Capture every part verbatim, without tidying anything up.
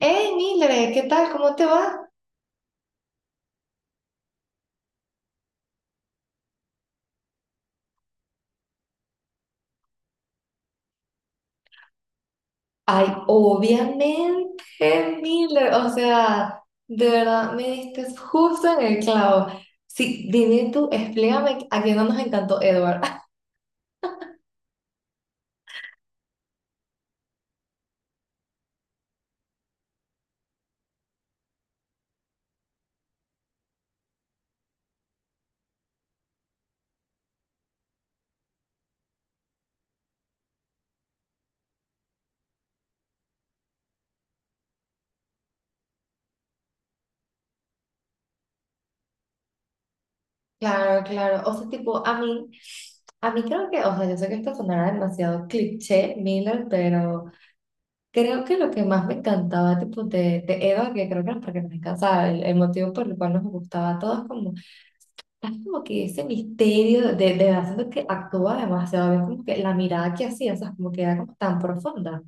Hey, Mile, ¿qué tal? ¿Cómo te va? Ay, obviamente, Mile, o sea, de verdad me diste justo en el clavo. Sí, dime tú, explícame a quién no nos encantó Edward. Claro, claro, o sea, tipo, a mí, a mí creo que, o sea, yo sé que esto sonará demasiado cliché, Miller, pero creo que lo que más me encantaba, tipo, de, de Edward, que creo que era porque nos encantaba, el, el motivo por el cual nos gustaba a todos, como. Es como que ese misterio de, de haciendo que actúa demasiado bien, como que la mirada que hacía, o sea, como que era como tan profunda.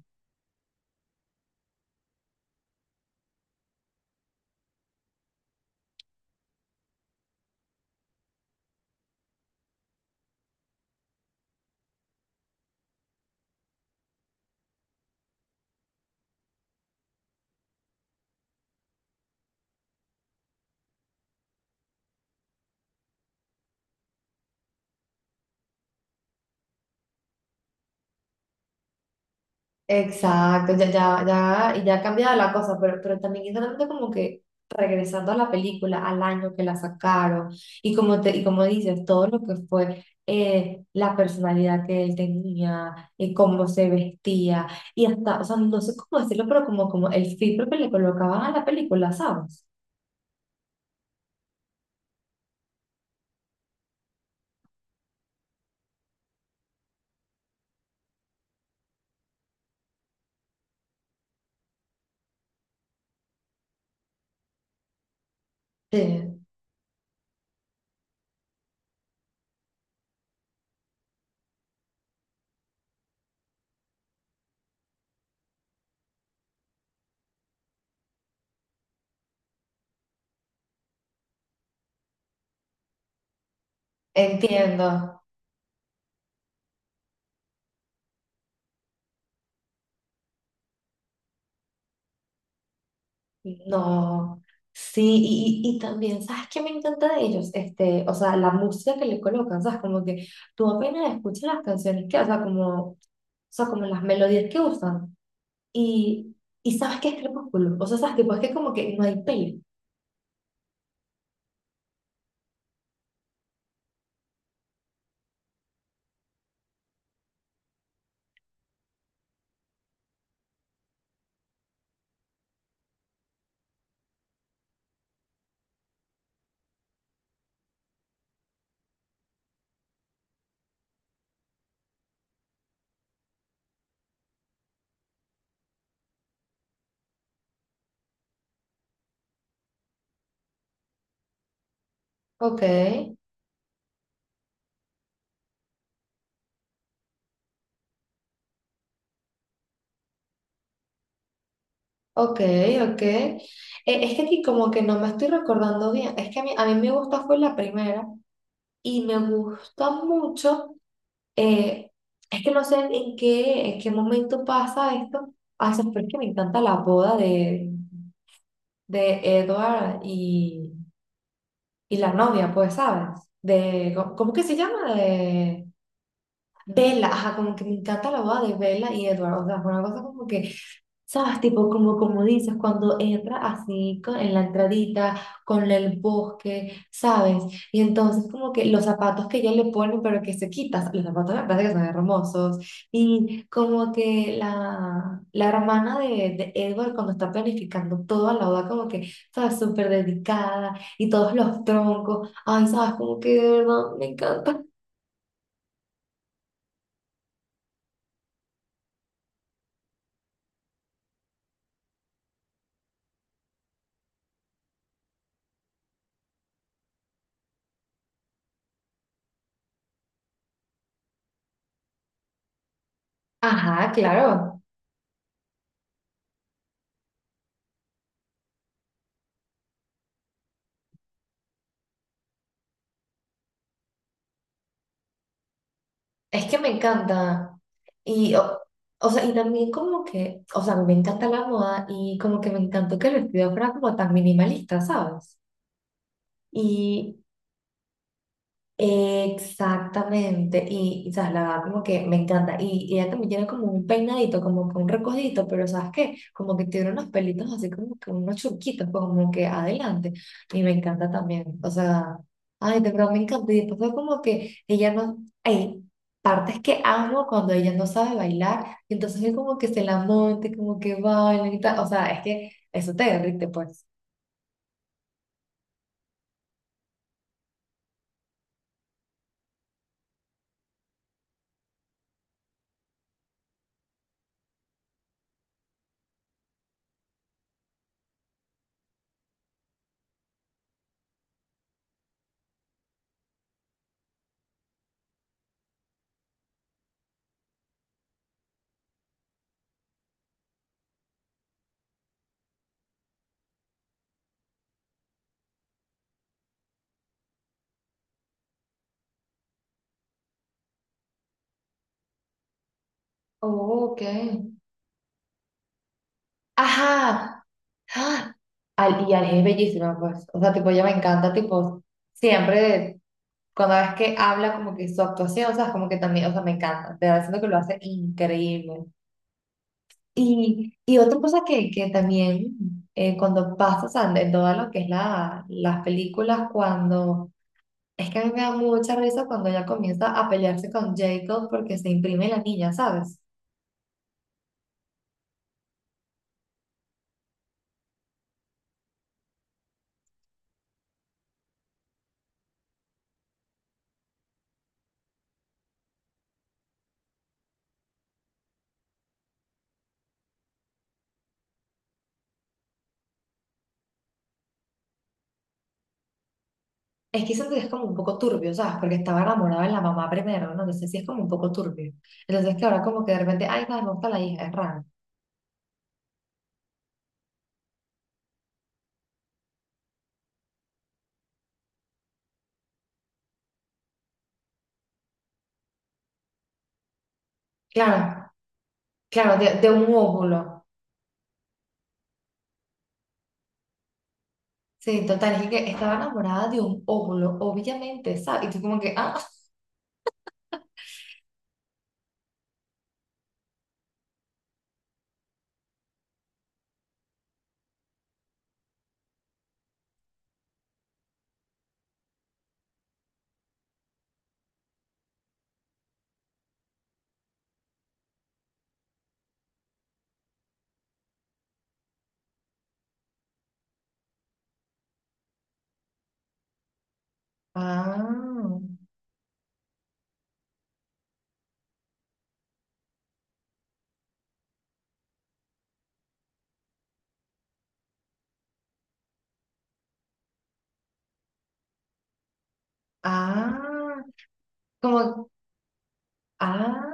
Exacto, ya, ya, ya, y ya ha cambiado la cosa, pero, pero también exactamente como que regresando a la película, al año que la sacaron, y como te, y como dices, todo lo que fue eh, la personalidad que él tenía, y cómo se vestía, y hasta, o sea, no sé cómo decirlo, pero como, como el filtro que le colocaban a la película, ¿sabes? Sí, entiendo. No, sí, y, y- y también, ¿sabes qué me encanta de ellos? Este, o sea, la música que le colocan, ¿sabes? Como que tú apenas escuchas las canciones que, o sea, como, o sea, como las melodías que usan, y, y sabes que es Crepúsculo, o sea, sabes, tipo, es que como que no hay peli. Ok, ok, ok. Eh, es que aquí como que no me estoy recordando bien, es que a mí, a mí me gusta fue la primera, y me gusta mucho. Eh, es que no sé en qué, en qué momento pasa esto. Ah, ¿sabes por qué me encanta la boda de, de Edward y, y la novia, pues, ¿sabes? De, ¿cómo cómo que se llama? De Bella. Ajá, como que me encanta la boda de Bella y Edward. O sea, fue una cosa como que. ¿Sabes? Tipo, como, como dices, cuando entra así co- en la entradita, con el bosque, ¿sabes? Y entonces como que los zapatos que ya le ponen, pero que se quitas, los zapatos me parece que son hermosos. Y como que la, la hermana de, de Edward cuando está planificando todo a la boda, como que, ¿sabes? Súper dedicada y todos los troncos. Ay, ¿sabes? Como que de verdad me encanta. Ajá, claro. Es que me encanta. Y, o, o sea, y también como que, o sea, me encanta la moda y como que me encantó que el vestido fuera como tan minimalista, ¿sabes? Y exactamente, y, y, sabes, la verdad como que me encanta, y, y ella también tiene como un peinadito, como que un recogidito, pero ¿sabes qué? Como que tiene unos pelitos así como que unos churquitos, pues, como que adelante, y me encanta también, o sea, ay, de verdad me encanta, y después fue como que ella no, hay partes que amo cuando ella no sabe bailar, y entonces es como que se la monte, como que baila y tal, o sea, es que eso te derrite, pues. Oh, ok. Ajá, ¡ah! Al, y Ali es bellísima, pues. O sea, tipo, ella me encanta, tipo, siempre, cuando ves que habla, como que su actuación, o sea, es como que también, o sea, me encanta. Te da siento que lo hace increíble. Y, y otra cosa que, que también, eh, cuando pasa, o sea, en todo lo que es la, las películas, cuando, es que a mí me da mucha risa cuando ella comienza a pelearse con Jacob porque se imprime la niña, ¿sabes? Es que siento que es como un poco turbio, ¿sabes? Porque estaba enamorada de la mamá primero, ¿no? Entonces sí es como un poco turbio. Entonces que ahora como que de repente, ay, no, me gusta la hija, es raro. Claro, claro, de, de un óvulo. Sí, total, es que estaba enamorada de un óvulo, obviamente, ¿sabes? Y tú como que, ah, ah, ah. Como, ah,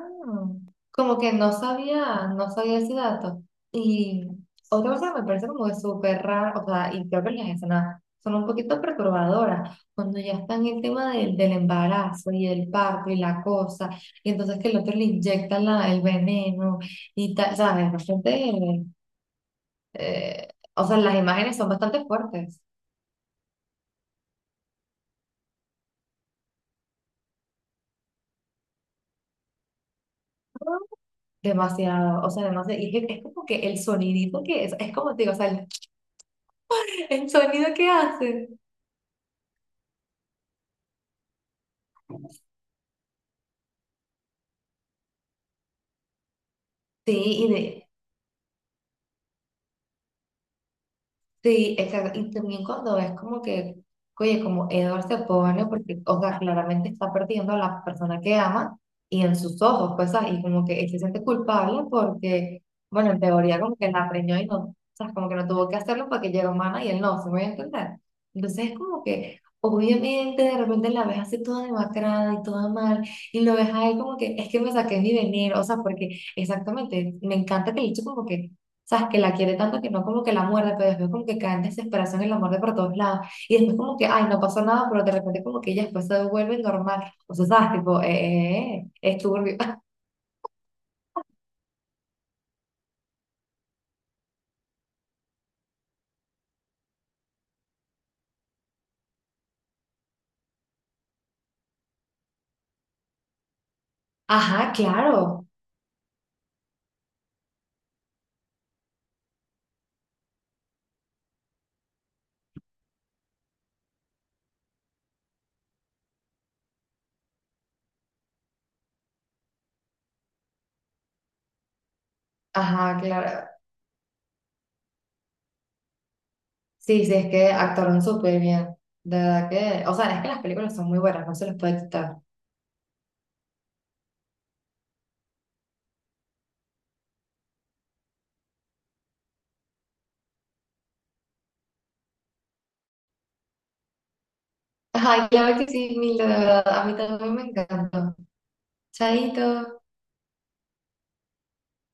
como que no sabía, no sabía ese dato. Y otra cosa que me parece como que súper raro, o sea, y creo que las escenas son un poquito perturbadoras, cuando ya están en el tema del, del embarazo y el parto y la cosa, y entonces que el otro le inyecta la, el veneno y tal, ¿sabes? Bastante, eh, o sea, las imágenes son bastante fuertes. Demasiado, o sea, demasiado, y es, es como que el sonidito que es, es como te digo, o sea, el, el sonido que hace. Sí, y de, sí, exacto. Y también cuando es como que, oye, como Edward se pone, porque, o sea, claramente está perdiendo a la persona que ama y en sus ojos, pues, ah, y como que él se siente culpable porque, bueno, en teoría como que la preñó y no, o sea, como que no tuvo que hacerlo porque ella era humana y él no, ¿se me voy a entender? Entonces es como que, obviamente, de repente la ves así toda demacrada y toda mal y lo ves a él como que, es que me saqué mi venir, o sea, porque exactamente, me encanta que el hecho como que. ¿Sabes? Que la quiere tanto que no como que la muerde, pero después como que cae en desesperación y la muerde por todos lados. Y después como que, ay, no pasó nada, pero de repente como que ella después se devuelve normal. O sea, ¿sabes? Tipo, eh, eh, eh, eh, es turbio. Ajá, claro. Ajá, claro. Sí, sí, es que actuaron súper bien. De verdad que, o sea, es que las películas son muy buenas, no se les puede quitar. Ay, claro que sí, Mil, de verdad, a mí también me encantó. Chaito.